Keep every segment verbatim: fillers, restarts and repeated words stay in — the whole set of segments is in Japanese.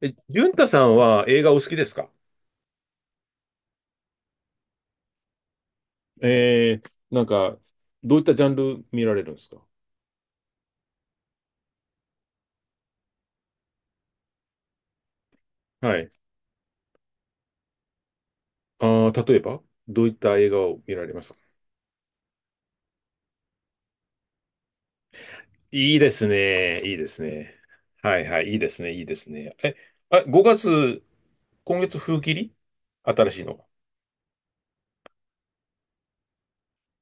え、淳太さんは映画お好きですか？えー、なんか、どういったジャンル見られるんですか？はい。ああ、例えば、どういった映画を見られますか？いいですね。いいですね。はいはい。いいですね。いいですね。え、あ、ごがつ、今月風切り新しいのが。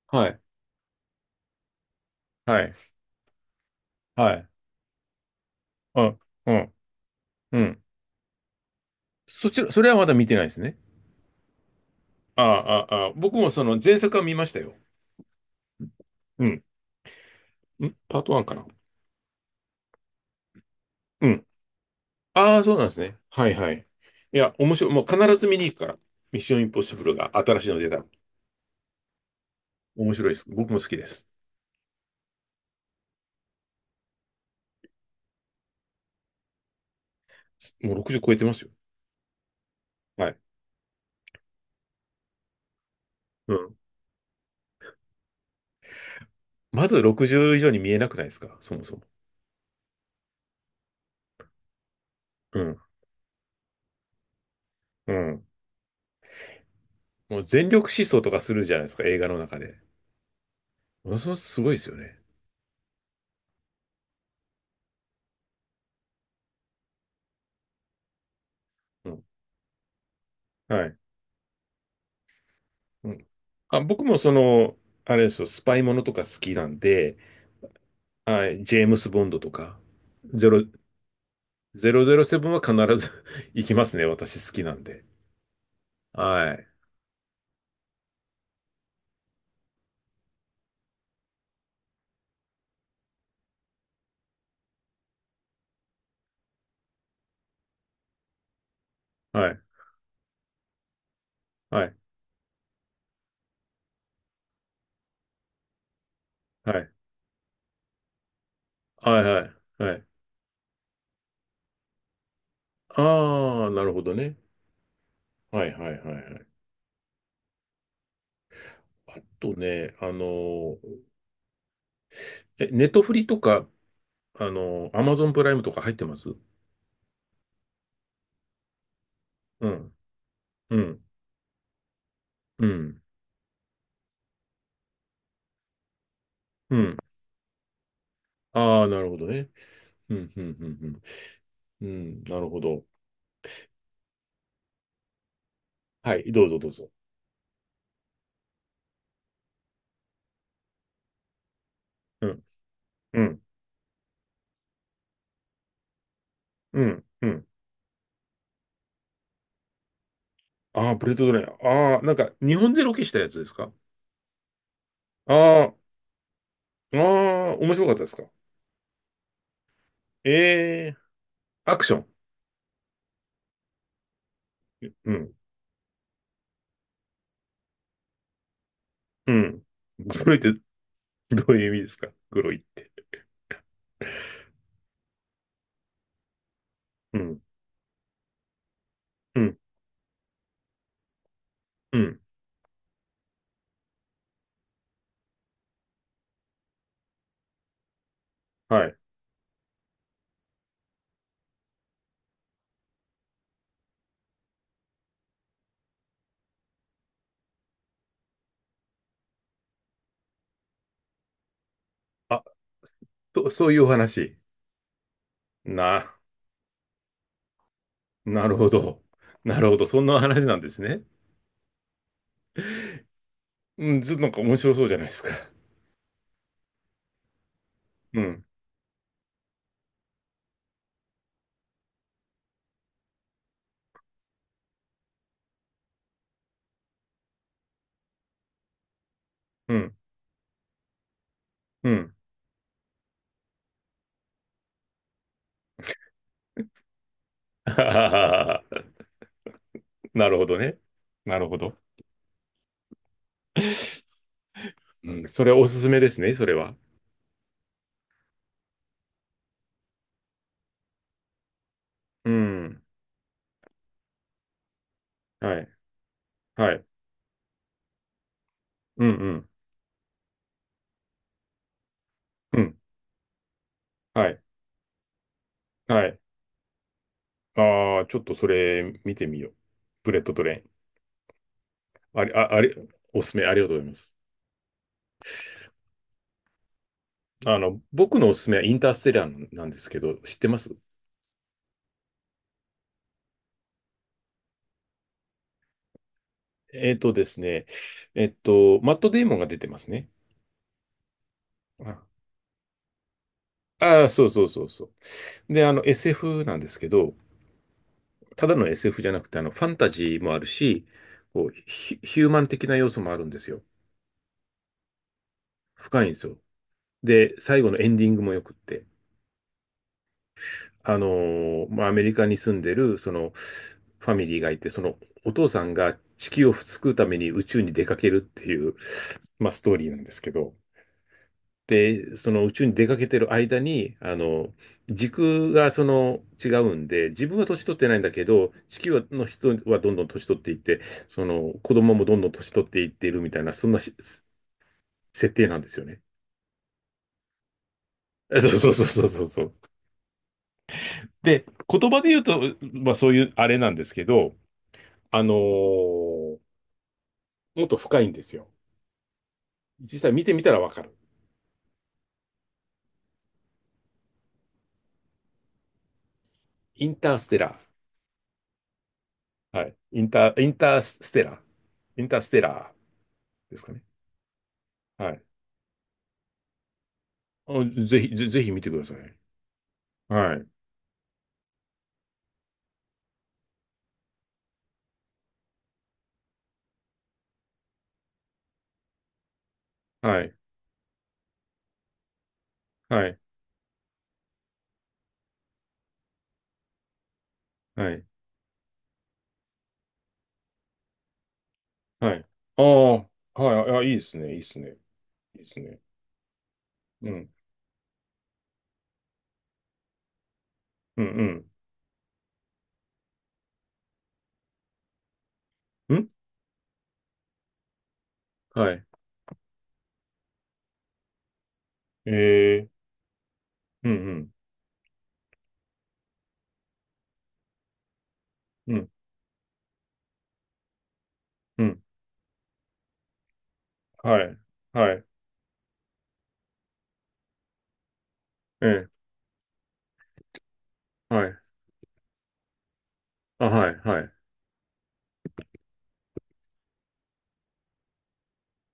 はい。はい。はい。あ、うん。うん。そちら、それはまだ見てないですね。ああ、ああ、僕もその前作は見ましたよ。うん。んパートワンかな。うん。ああ、そうなんですね。はいはい。いや、面白い。もう必ず見に行くから。ミッションインポッシブルが新しいの出たら。面白いです。僕も好きです。もうろくじゅう超えてますよ。はい。うん。まずろくじゅう以上に見えなくないですか、そもそも？うん。うん。もう全力疾走とかするじゃないですか、映画の中で。ものすごいすごいですよね。うん。はい。うん。あ、僕もその、あれですよ、スパイものとか好きなんで、はい、ジェームス・ボンドとか、ゼロゼロゼロセブンは必ず 行きますね、私好きなんで。はい。はい、はい、はい、はい、はい、はい。ああ、なるほどね。はい、はい、はい、はい。あとね、あのー、え、ネットフリとか、あのー、アマゾンプライムとか入ってます？うん、うん、うん、うん。ああ、なるほどね。うん、うん、うん、うん。うん、なるほど。はい、どうぞ、どうぞ。うん、うん、うん、うん。ああ、プレートドライヤー。ああ、なんか、日本でロケしたやつですか？ああ、ああ、面白かったですか？ええーアクション。うん。うん。黒いってどういう意味ですか、黒いって？うん。うん。うん。はい。あ、と、そういうお話。な、なるほど。なるほど。そんな話なんですね。うん。ずっとなんか面白そうじゃないですか。うん。うん。うん。あはははは。なるほどね。なるほど。うん。それはおすすめですね、それは。うん。はい。はい。うんうん。うん。はい。はい。ああ、ちょっとそれ見てみよう。ブレッドトレイン。あり、あ、あり、おすすめありがとうございます。あの、僕のおすすめはインターステラーなんですけど、知ってます？えっとですね、えっと、マット・デイモンが出てますね。ああー、そうそうそうそう。で、あの、エスエフ なんですけど、ただの エスエフ じゃなくて、あの、ファンタジーもあるし、こう、ヒ、ヒューマン的な要素もあるんですよ。深いんですよ。で、最後のエンディングもよくって、あのーまあ、アメリカに住んでる、その、ファミリーがいて、その、お父さんが地球を救うために宇宙に出かけるっていう、まあ、ストーリーなんですけど、で、その宇宙に出かけてる間に、あの、時空がその違うんで、自分は年取ってないんだけど、地球の人はどんどん年取っていって、その子供もどんどん年取っていっているみたいな、そんなし設定なんですよね。あそうそうそうそうそうそう。で、言葉で言うと、まあそういうあれなんですけど、あのーもっと深いんですよ。実際見てみたらわかる。インターステラー。はい。インター、インターステラー。インターステラーですかね。はい。あぜひ、ぜ、ぜひ見てください。はい。はい。はい。はい。はい。ああ、はい。あ、いいですね。いいですね。いいですね。うん。うん。うん。んはい。ええうん。うん。うん。うん。はい。はい。ええはい。あ、はい。はい。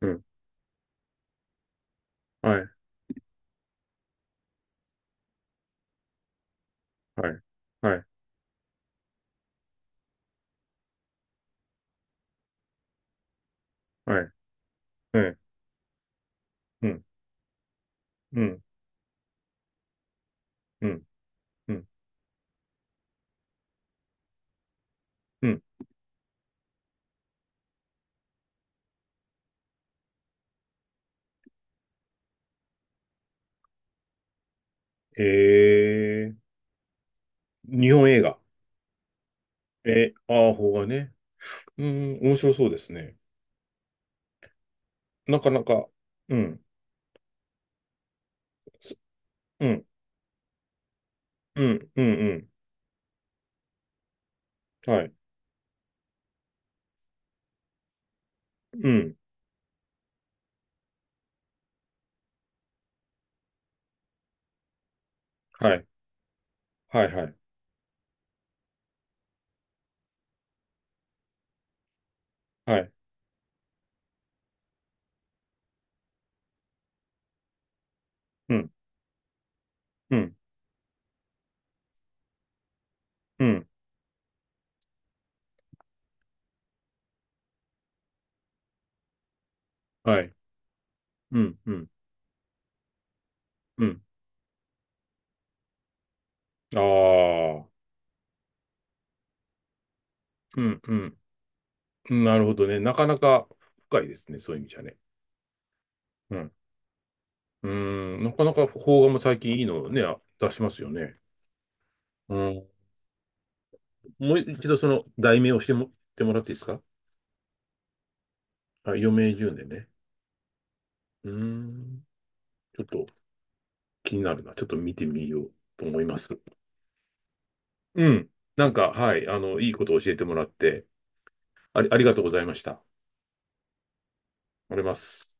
うん。はい。はい。はい。はい。ええうん。うん。うん。うん。うん。ええ日本映画。えー、ああ、邦画ね。うん。面白そうですね。なかなか。うん。すうん。うん、うん、うん。はい。うん。はい。はい、はい。はい。うん、うん、うん。はい。うん、うん、うん。ああ。うん、うん。なるほどね。なかなか深いですね。そういう意味じゃね。うん。うーん。なかなか邦画も最近いいのをね、あ出しますよね。うん。もう一度その題名をしても、ってもらっていいですか？あ、余命じゅうねんねんね。うーん。ちょっと気になるな。ちょっと見てみようと思います。うん。なんか、はい。あの、いいことを教えてもらって、ありありがとうございました。おります。